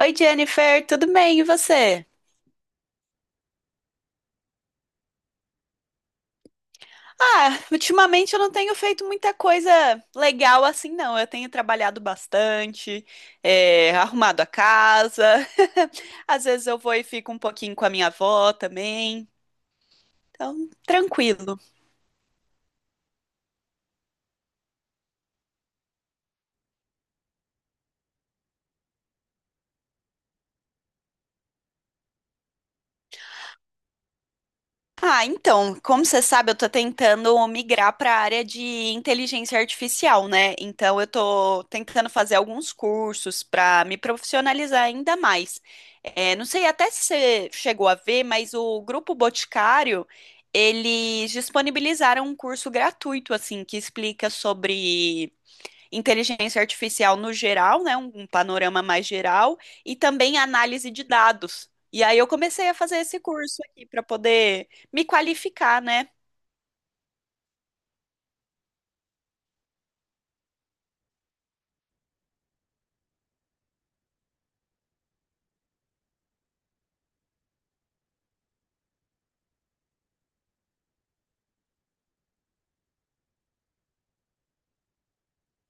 Oi, Jennifer, tudo bem? E você? Ah, ultimamente eu não tenho feito muita coisa legal assim, não. Eu tenho trabalhado bastante, arrumado a casa. Às vezes eu vou e fico um pouquinho com a minha avó também. Então, tranquilo. Ah, então, como você sabe, eu tô tentando migrar para a área de inteligência artificial, né? Então, eu tô tentando fazer alguns cursos para me profissionalizar ainda mais. É, não sei até se você chegou a ver, mas o Grupo Boticário, eles disponibilizaram um curso gratuito, assim, que explica sobre inteligência artificial no geral, né, um panorama mais geral, e também análise de dados. E aí eu comecei a fazer esse curso aqui para poder me qualificar, né?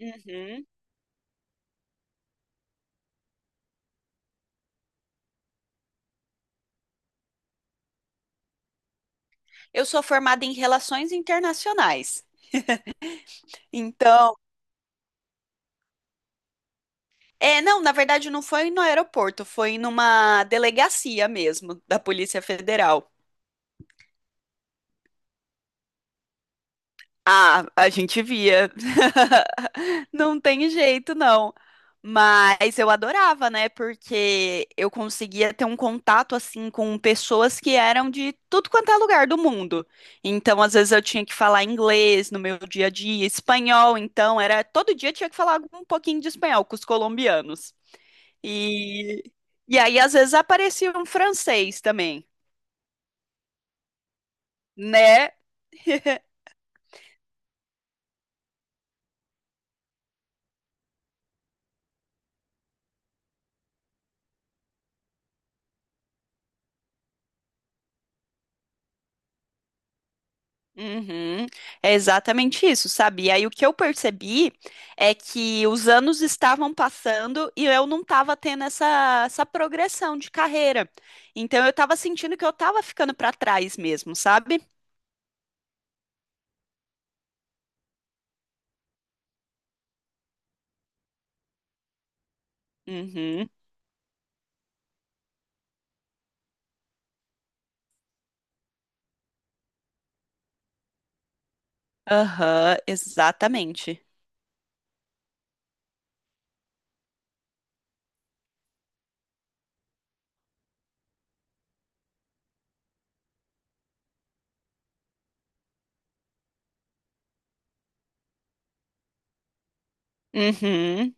Uhum. Eu sou formada em relações internacionais. Então, é, não, na verdade não foi no aeroporto, foi numa delegacia mesmo da Polícia Federal. Ah, a gente via. Não tem jeito, não. Mas eu adorava, né? Porque eu conseguia ter um contato assim com pessoas que eram de tudo quanto é lugar do mundo. Então, às vezes eu tinha que falar inglês no meu dia a dia, espanhol, então era todo dia eu tinha que falar um pouquinho de espanhol com os colombianos. E e aí às vezes aparecia um francês também, né? Uhum, é exatamente isso, sabe? E aí o que eu percebi é que os anos estavam passando e eu não estava tendo essa progressão de carreira. Então eu estava sentindo que eu estava ficando para trás mesmo, sabe? Uhum, aham, exatamente. Uhum.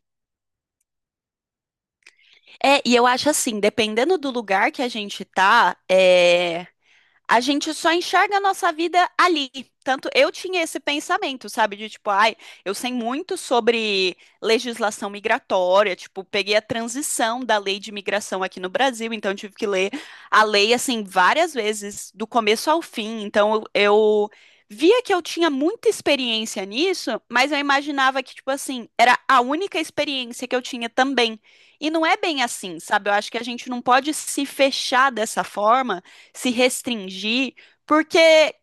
É, e eu acho assim, dependendo do lugar que a gente tá, a gente só enxerga a nossa vida ali. Tanto eu tinha esse pensamento, sabe? De tipo, ai, eu sei muito sobre legislação migratória, tipo, peguei a transição da lei de migração aqui no Brasil, então eu tive que ler a lei, assim, várias vezes, do começo ao fim. Então eu via que eu tinha muita experiência nisso, mas eu imaginava que, tipo assim, era a única experiência que eu tinha também. E não é bem assim, sabe? Eu acho que a gente não pode se fechar dessa forma se restringir, porque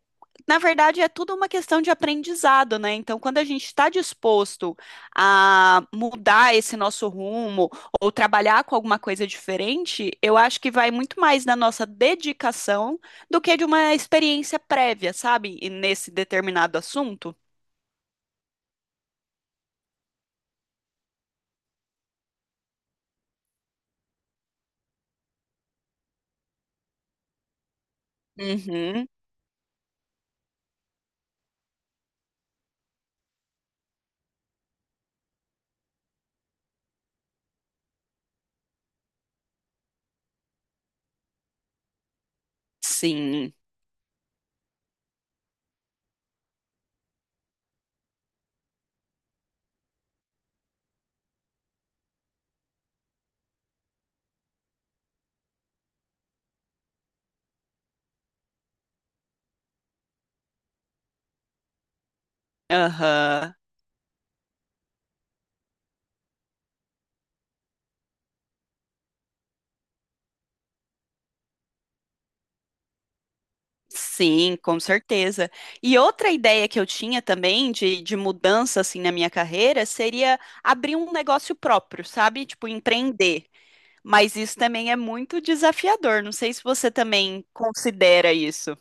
na verdade é tudo uma questão de aprendizado, né? Então, quando a gente está disposto a mudar esse nosso rumo ou trabalhar com alguma coisa diferente, eu acho que vai muito mais da nossa dedicação do que de uma experiência prévia, sabe? E nesse determinado assunto. Uhum, sim. Aham. Sim, com certeza. E outra ideia que eu tinha também de mudança assim na minha carreira seria abrir um negócio próprio, sabe? Tipo, empreender. Mas isso também é muito desafiador. Não sei se você também considera isso.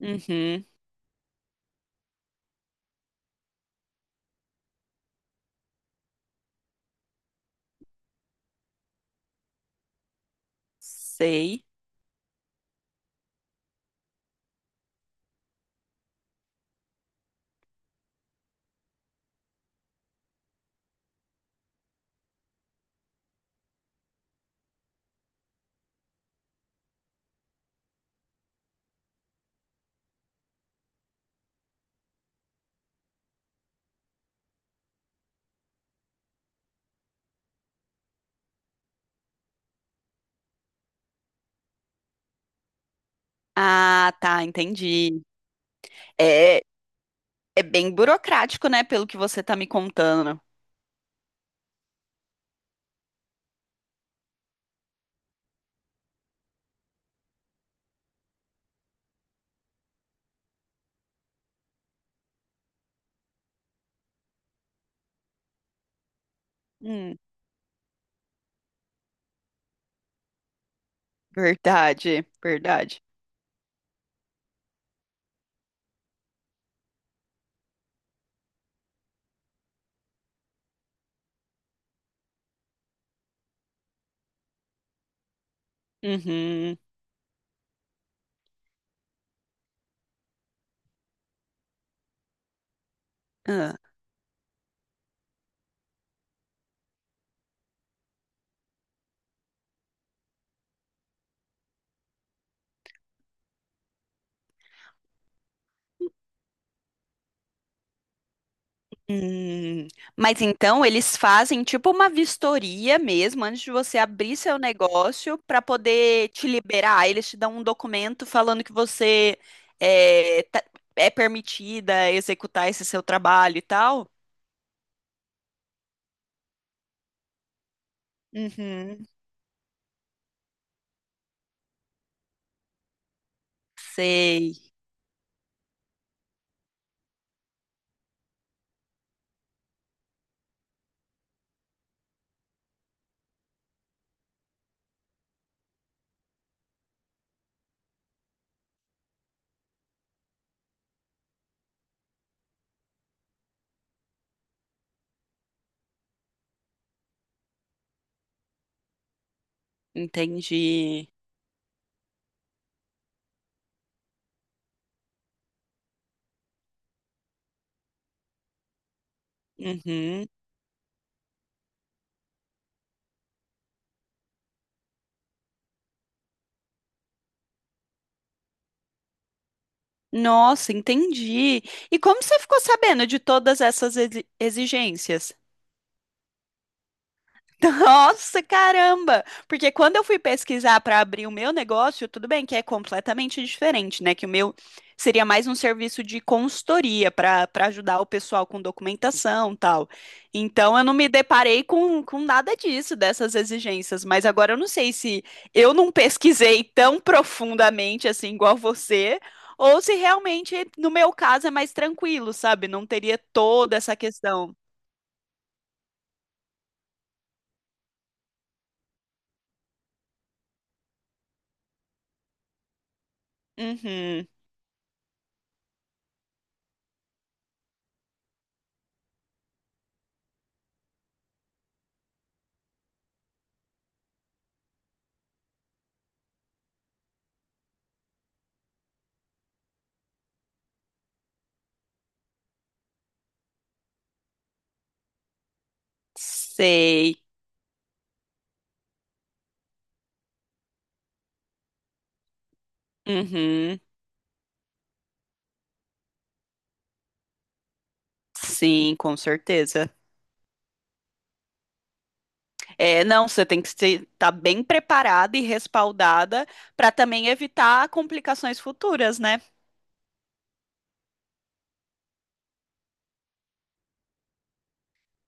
Uhum, sei. Ah, tá, entendi. É, é bem burocrático, né? Pelo que você tá me contando. Hum, verdade, verdade. Uhum. Hum, mas então eles fazem tipo uma vistoria mesmo antes de você abrir seu negócio para poder te liberar. Eles te dão um documento falando que você é, tá- é permitida executar esse seu trabalho e tal. Uhum, sei, entendi. Uhum. Nossa, entendi. E como você ficou sabendo de todas essas exigências? Nossa, caramba! Porque quando eu fui pesquisar para abrir o meu negócio, tudo bem que é completamente diferente, né? Que o meu seria mais um serviço de consultoria para ajudar o pessoal com documentação, tal. Então eu não me deparei com nada disso, dessas exigências, mas agora eu não sei se eu não pesquisei tão profundamente assim igual você, ou se realmente no meu caso é mais tranquilo, sabe? Não teria toda essa questão. Uhum. Sei. Uhum. Sim, com certeza. É, não, você tem que estar bem preparada e respaldada para também evitar complicações futuras, né?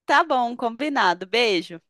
Tá bom, combinado. Beijo.